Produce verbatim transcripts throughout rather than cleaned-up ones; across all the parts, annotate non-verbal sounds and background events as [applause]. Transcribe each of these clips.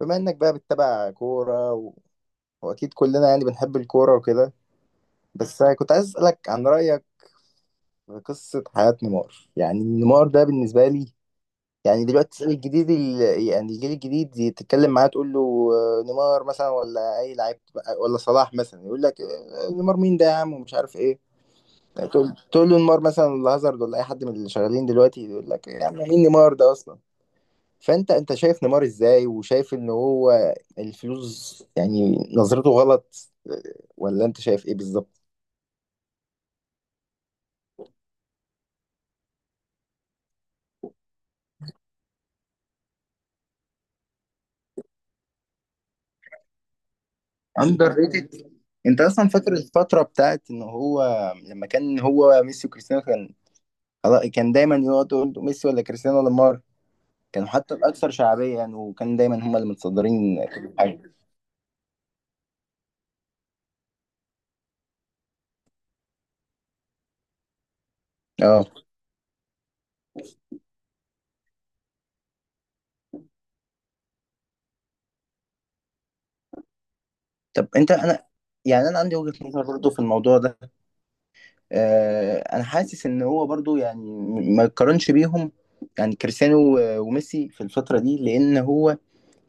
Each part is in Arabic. بما انك بقى بتتابع كورة و... واكيد كلنا يعني بنحب الكورة وكده. بس كنت عايز اسألك عن رأيك في قصة حياة نيمار. يعني نيمار ده بالنسبة لي، يعني دلوقتي تسأل الجديد ال... يعني الجيل الجديد دي، تتكلم معاه تقول له آه، نيمار مثلا ولا اي لعيب ولا صلاح مثلا، يقول لك آه، نيمار مين ده يا عم ومش عارف ايه. تقول تقول له نيمار مثلا ولا هازارد ولا اي حد من اللي شغالين دلوقتي، يقول لك يا عم مين نيمار ده اصلا. فانت انت شايف نيمار ازاي، وشايف ان هو الفلوس يعني نظرته غلط، ولا انت شايف ايه بالظبط؟ اندر ريتد. انت اصلا فاكر الفتره بتاعت ان هو لما كان هو ميسي وكريستيانو كان خلاص- كان دايما يقعدوا يقولوا ميسي ولا كريستيانو ولا نيمار، كانوا حتى الاكثر شعبيه يعني، وكان دايما هم اللي متصدرين كل حاجه. اه. طب انت انا، يعني انا عندي وجهه نظر برضه في الموضوع ده. آه، انا حاسس ان هو برضو يعني م- ما يقارنش بيهم، يعني كريستيانو و- وميسي في الفترة دي، لان هو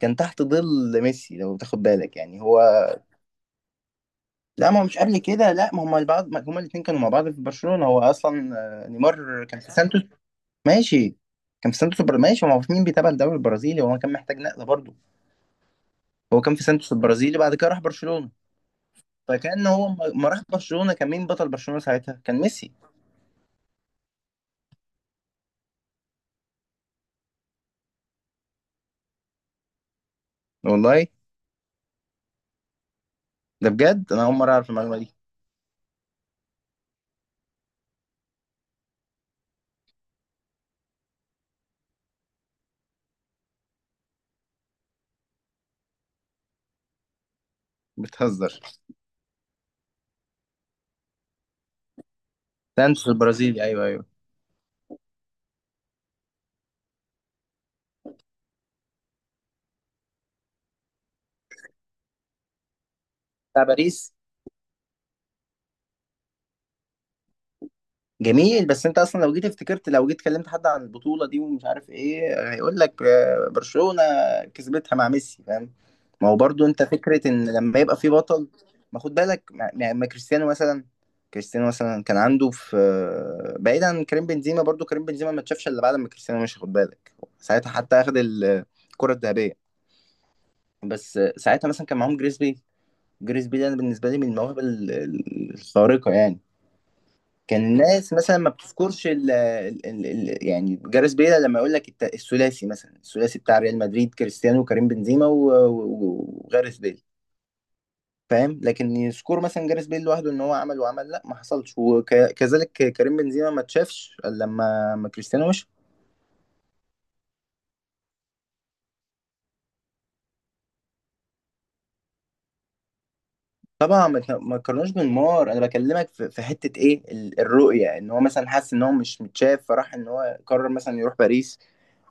كان تحت ظل ميسي. لو تاخد بالك يعني هو، لا ما هو مش قبل كده، لا ما هم البعض، ما هم الاثنين كانوا مع بعض في برشلونة. هو اصلا آه، نيمار كان في سانتوس. ماشي، كان في سانتوس البر- ماشي. ما هو مين بيتابع الدوري البرازيلي؟ هو كان محتاج نقلة برضو. هو كان في سانتوس البرازيلي، بعد كده راح برشلونة. فكان هو ما ما راح برشلونة، كان مين بطل برشلونة ساعتها؟ كان ميسي. والله؟ ده بجد انا اول مرة اعرف المعلومة دي. بتهزر. سانتوس البرازيلي، ايوه ايوه. بتاع باريس. جميل. بس انت اصلا لو جيت افتكرت، لو جيت كلمت حد عن البطوله دي ومش عارف ايه، هيقول لك آه، برشلونه كسبتها مع ميسي، فاهم. ما هو برضو انت فكره ان لما يبقى في بطل، ما خد بالك، ما ما- ما كريستيانو مثلا. كريستيانو مثلا كان عنده في آه، بعيدا عن كريم بنزيما، برضو كريم بنزيما ما اتشافش الا بعد ما كريستيانو مشي، خد بالك. ساعتها حتى اخد الكره الذهبيه. بس آه، ساعتها مثلا كان معاهم جريزبي. جريزبي ده أنا بالنسبه لي من المواهب ال- ال- الخارقه يعني. كان الناس مثلا ما بتذكرش ال ال ال ال يعني جاريث بيل، لما يقول لك الت- الثلاثي مثلا، الثلاثي بتاع ريال مدريد كريستيانو وكريم بنزيما و- و- وجاريث بيل، فاهم، لكن يذكر مثلا جاريث بيل لوحده ان هو عمل وعمل، لا ما حصلش. وكذلك كريم بنزيما ما اتشافش إلا لما ما كريستيانو مشي. طبعا ما ت- ما تقارنوش بالنار. انا بكلمك في في حته ايه، ال- الرؤيه ان هو مثلا حس ان هو مش متشاف، فراح ان هو قرر مثلا يروح باريس،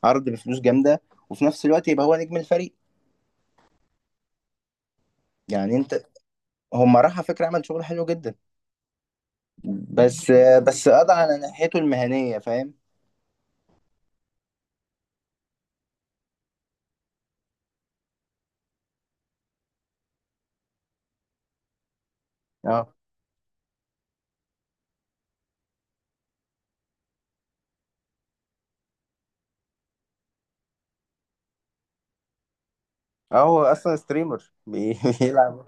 عرض بفلوس جامده، وفي نفس الوقت يبقى هو نجم الفريق. يعني انت، هم راح على فكرة عمل شغل حلو جدا، بس، بس قضى على ناحيته المهنية فاهم. اه اه، هو اصلا ستريمر بي- [laughs] بيلعب.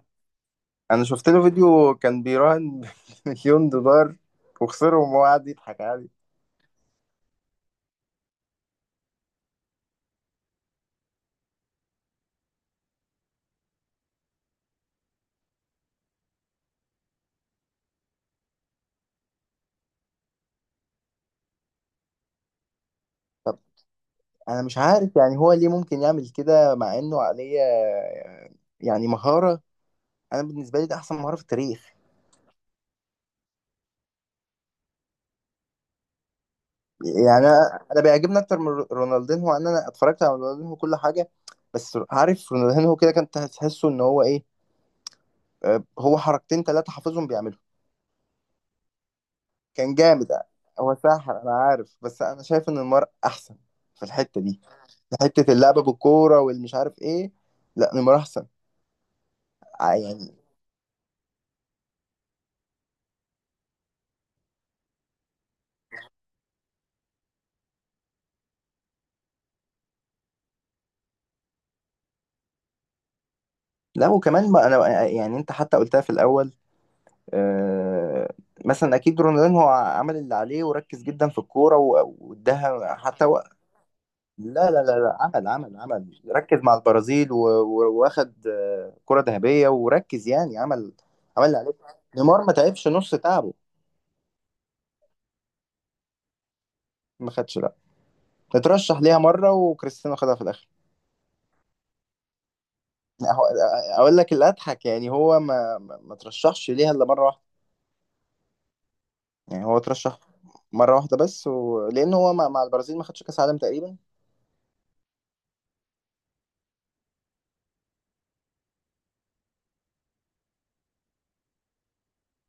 انا شفت له فيديو كان بيراهن [laughs] مليون دولار، وخسرهم وهو قاعد يضحك عادي. طب انا مش عارف يعني هو ليه ممكن يعمل كده مع انه عليه، يعني، مهارة، انا بالنسبة لي ده احسن مهارة في التاريخ. يعني انا أنا بيعجبني اكتر من رونالدينهو، ان انا اتفرجت على رونالدينهو كل حاجة. بس عارف رونالدينهو كده كان تحسه ان هو ايه، آه، هو حركتين ثلاثة حافظهم بيعملهم. كان جامد. هو ساحر أنا عارف، بس أنا شايف إن نيمار أحسن في الحتة دي، في حتة اللعبة بالكورة والمش عارف إيه. لا نيمار أحسن ع- يعني. لا، وكمان ما أنا، آه، يعني أنت حتى قلتها في الأول. آه. مثلا أكيد رونالدين هو عمل اللي عليه وركز جدا في الكورة و- واداها حتى هو. لا لا لا لا، عمل عمل عمل، ركز مع البرازيل و- و- واخد آه، كرة ذهبية، وركز يعني عمل، عمل اللي عليه. نيمار ما تعبش نص تعبه. ما خدش لا، اترشح ليها مرة وكريستيانو خدها في الآخر. هو- آه، آه، أقول لك اللي أضحك، يعني هو ما ما ما ترشحش ليها إلا مرة واحدة. يعني هو ترشح مرة واحدة بس، و... لأن هو مع, مع البرازيل ما خدش كأس عالم تقريبا.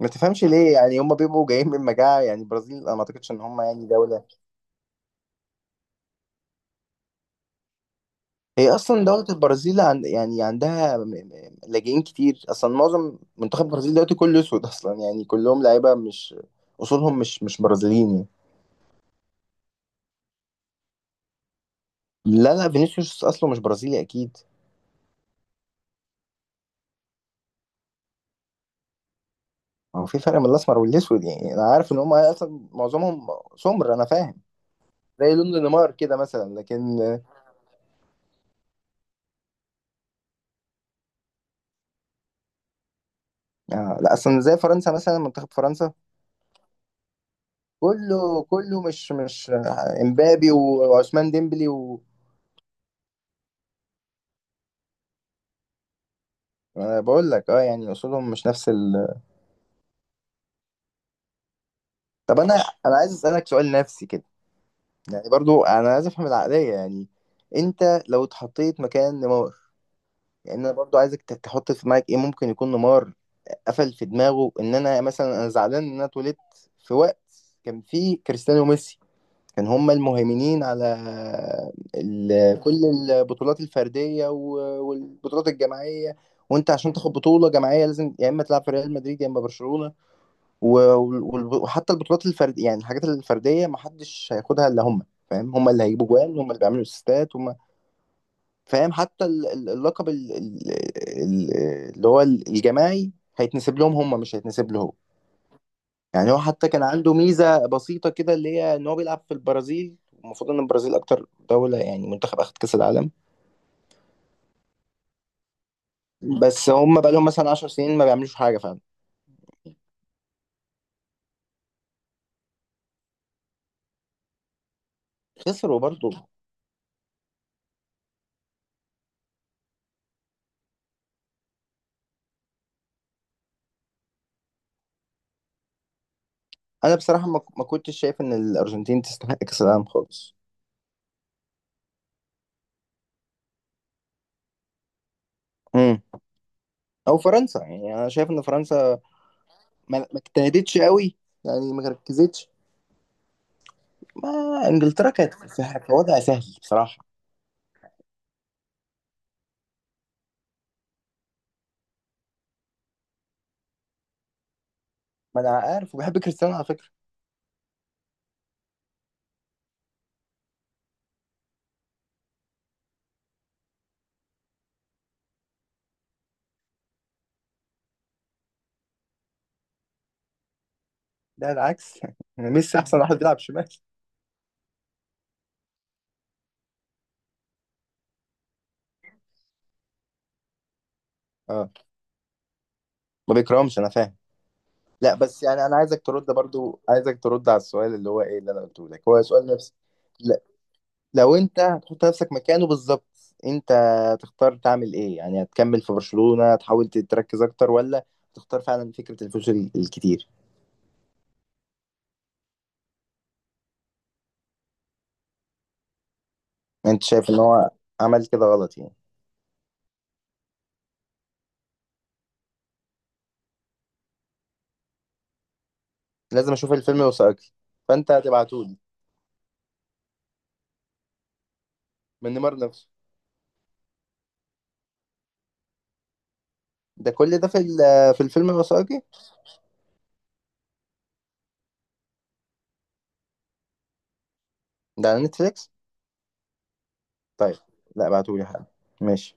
ما تفهمش ليه؟ يعني هم بيبقوا جايين من مجاعة يعني، البرازيل أنا ما أعتقدش إن هم يعني دولة، هي اصلا دوله البرازيل عن يعني عندها م- م- لاجئين كتير اصلا. معظم منتخب البرازيل دلوقتي كله اسود اصلا، يعني كلهم لعيبه مش اصولهم، مش مش برازيليين يعني. لا لا فينيسيوس اصله مش برازيلي اكيد. هو في فرق بين الاسمر والاسود، يعني انا عارف ان هم اصلا معظمهم سمر، انا فاهم، زي لون نيمار كده مثلا، لكن آه لا، اصلا زي فرنسا مثلا، منتخب فرنسا كله كله مش مش آه، امبابي وعثمان ديمبلي و... انا بقول لك اه، يعني اصولهم مش نفس. طب انا انا عايز اسالك سؤال نفسي كده، يعني برضو انا عايز افهم العقليه يعني. انت لو اتحطيت مكان نمار، يعني انا برضو عايزك ت- تحط في دماغك ايه ممكن يكون نمار قفل في دماغه. ان انا مثلا انا زعلان ان انا اتولدت في وقت كان فيه كريستيانو وميسي، كان هما المهيمنين على ال... كل البطولات الفرديه و- والبطولات الجماعيه، وانت عشان تاخد بطوله جماعيه لازم يا اما تلعب في ريال مدريد يا اما برشلونه، و- وال- وحتى البطولات الفردية، يعني الحاجات الفردية ما حدش هياخدها إلا هم، فاهم. هم اللي هيجيبوا جوان، هم اللي بيعملوا اسيستات هم، فاهم. حتى ال- ال- اللقب ال- ال- ال- اللي هو الجماعي هيتنسب لهم، هم مش هيتنسب له هو. يعني هو حتى كان عنده ميزة بسيطة كده اللي هي إن هو بيلعب في البرازيل، المفروض إن البرازيل أكتر دولة يعني منتخب أخد كأس العالم، بس هم بقى لهم مثلا عشر سنين ما بيعملوش حاجة فعلا. خسروا برضه. أنا بصراحة ما ما كنتش شايف إن الأرجنتين تستحق كأس العالم خالص، او فرنسا. يعني انا شايف ان فرنسا ما ما اجتهدتش قوي، يعني ما ركزتش. ما، انجلترا كانت في في وضع سهل بصراحه. ما انا عارف، وبحب كريستيانو على فكره. ده العكس [laughs] ميسي احسن واحد بيلعب شمال. اه، ما بيكرهمش انا فاهم. لا بس يعني انا عايزك ترد، برضو عايزك ترد على السؤال اللي هو ايه اللي انا قلته لك، هو سؤال نفسي. لا، لو انت هتحط نفسك مكانه بالظبط، انت تختار تعمل ايه؟ يعني هتكمل في برشلونة تحاول تركز اكتر، ولا تختار فعلا فكرة الفلوس ال- الكتير. انت شايف ان هو عمل كده غلط يعني؟ لازم اشوف الفيلم الوثائقي. فانت هتبعتولي. من نيمار نفسه. ده كل ده في ال- في الفيلم الوثائقي. ده على نتفليكس. طيب. لا ابعتولي حالا. ماشي.